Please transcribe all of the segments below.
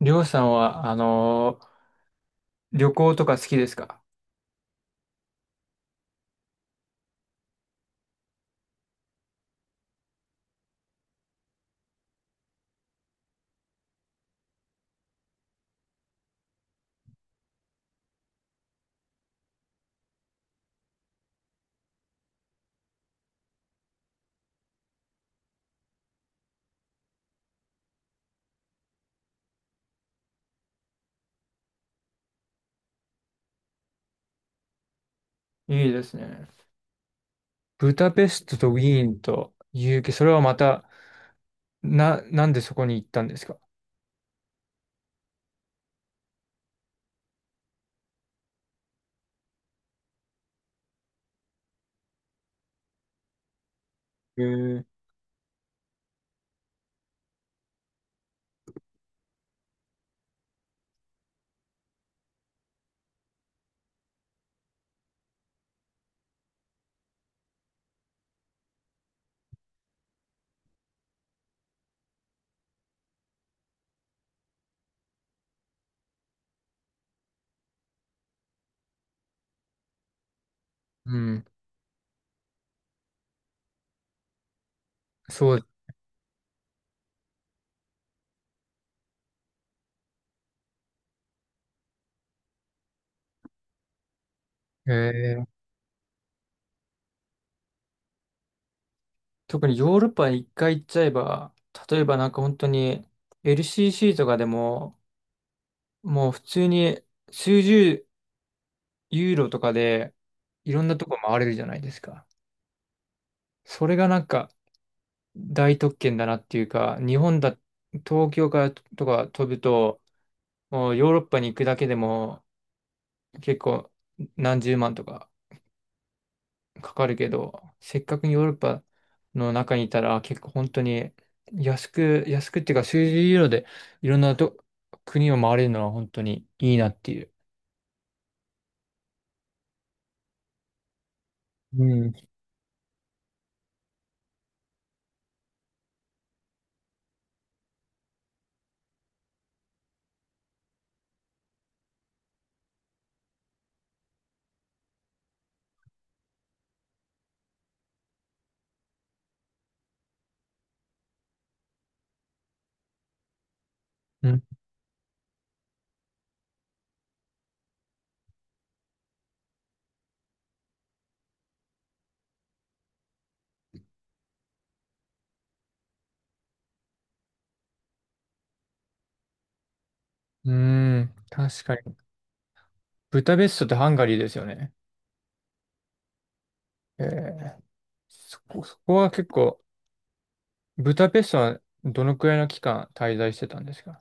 りょうさんは、旅行とか好きですか？いいですね。ブダペストとウィーンと UK、それはまた、なんでそこに行ったんですか？へえ。うん、そうです、へえ。特にヨーロッパに一回行っちゃえば、例えばなんか本当に LCC とかでも、もう普通に数十ユーロとかでいろんなとこ回れるじゃないですか。それがなんか大特権だなっていうか、日本だ、東京からとか飛ぶと、もうヨーロッパに行くだけでも結構何十万とかかかるけど、せっかくヨーロッパの中にいたら結構本当に安く、安くっていうか数十ユーロでいろんな国を回れるのは本当にいいなっていう。うん。うん、うーん、確かに。ブタペストってハンガリーですよね。えー、そこは結構、ブタペストはどのくらいの期間滞在してたんですか？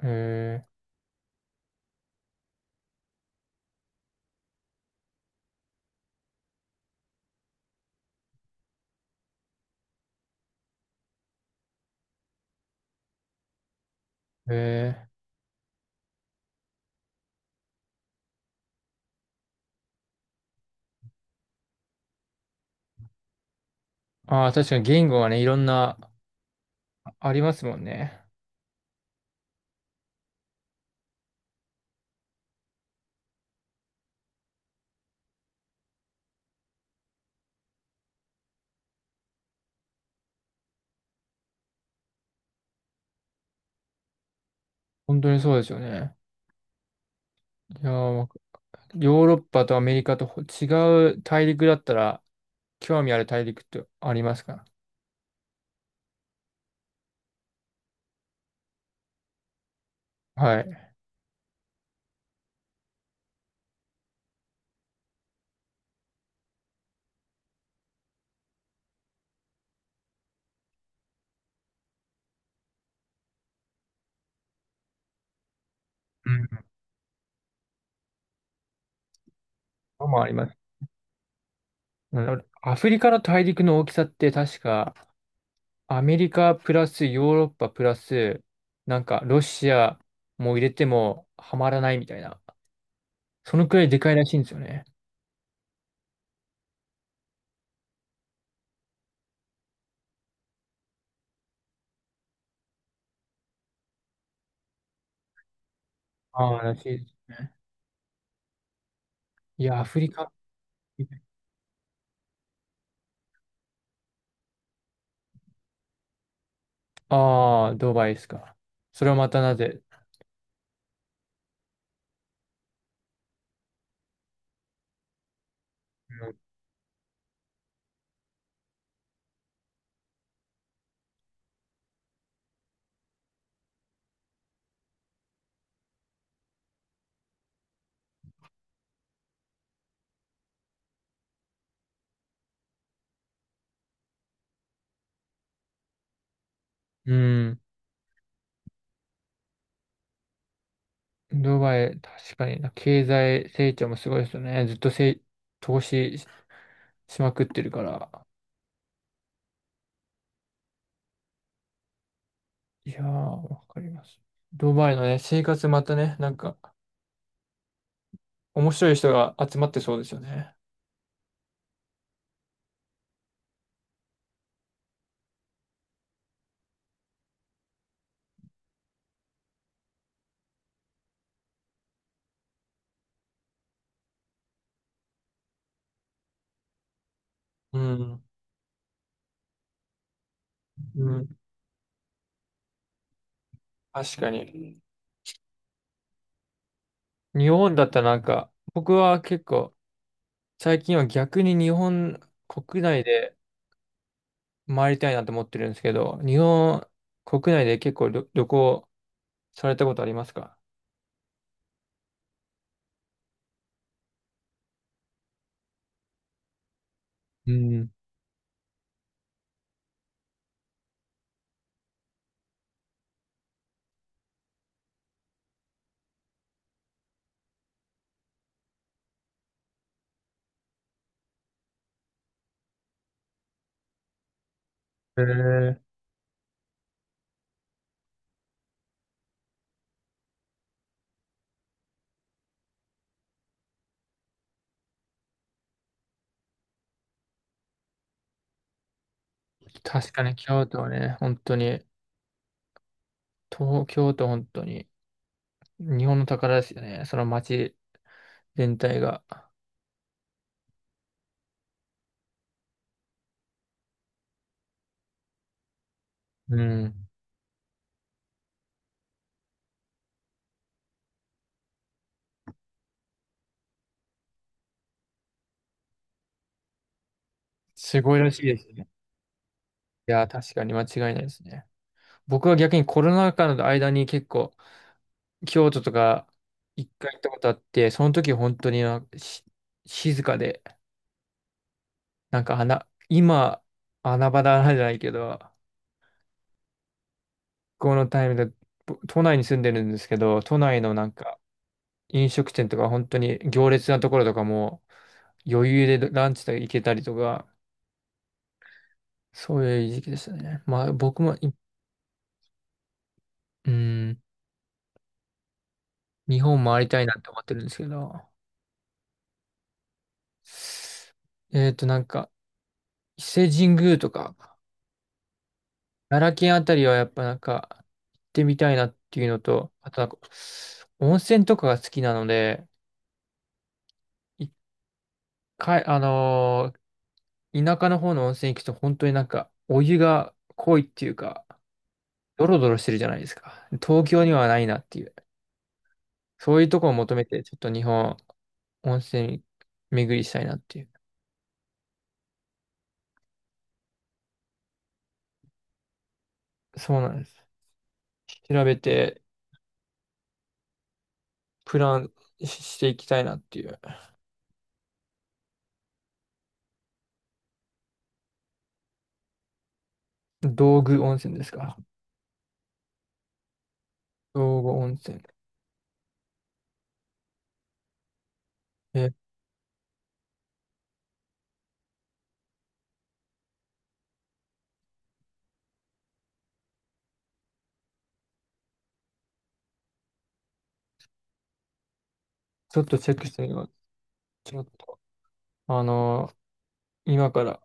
えー、えああ、確かに言語がね、いろんなありますもんね。本当にそうですよね。いやー、ヨーロッパとアメリカと違う大陸だったら、興味ある大陸ってありますか？はい。うん。もあります。うん、アフリカの大陸の大きさって確か、アメリカプラスヨーロッパプラス、なんかロシアも入れてもはまらないみたいな。そのくらいでかいらしいんですよね。ああ、らしいですね。いや、アフリカ。ああ、ドバイですか。それはまたなぜ？うん。ドバイ、確かにな、経済成長もすごいですよね。ずっと投資しまくってるから。いやー、わかります。ドバイのね、生活またね、なんか、面白い人が集まってそうですよね。うん。うん。確かに。日本だったらなんか、僕は結構、最近は逆に日本国内で回りたいなと思ってるんですけど、日本国内で結構旅行されたことありますか？うん。へー。確かに京都ね、本当に、東京都本当に、日本の宝ですよね、その街全体が。うん。すごいらしいですね。いや、確かに間違いないですね。僕は逆にコロナ禍の間に結構、京都とか一回行ったことあって、その時本当になんか静かで、なんか今、穴場だなじゃないけど、このタイミングで、都内に住んでるんですけど、都内のなんか、飲食店とか本当に行列なところとかも余裕でランチとか行けたりとか、そういう時期でしたね。まあ僕もうん、日本回りたいなって思ってるんですけど、なんか伊勢神宮とか、奈良県あたりはやっぱなんか行ってみたいなっていうのと、あとなんか温泉とかが好きなので、一回、田舎の方の温泉行くと本当になんかお湯が濃いっていうか、ドロドロしてるじゃないですか。東京にはないなっていう。そういうとこを求めて、ちょっと日本、温泉巡りしたいなっていう。そうなんです。調べて、プランしていきたいなっていう。道具温泉ですか。道具温泉。え、ちょっとチェックしてみます。ちょっと、あのー今から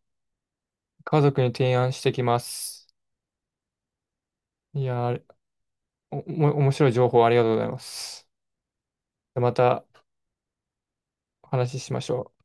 家族に提案してきます。いやー、あれ、お、おも面白い情報ありがとうございます。またお話ししましょう。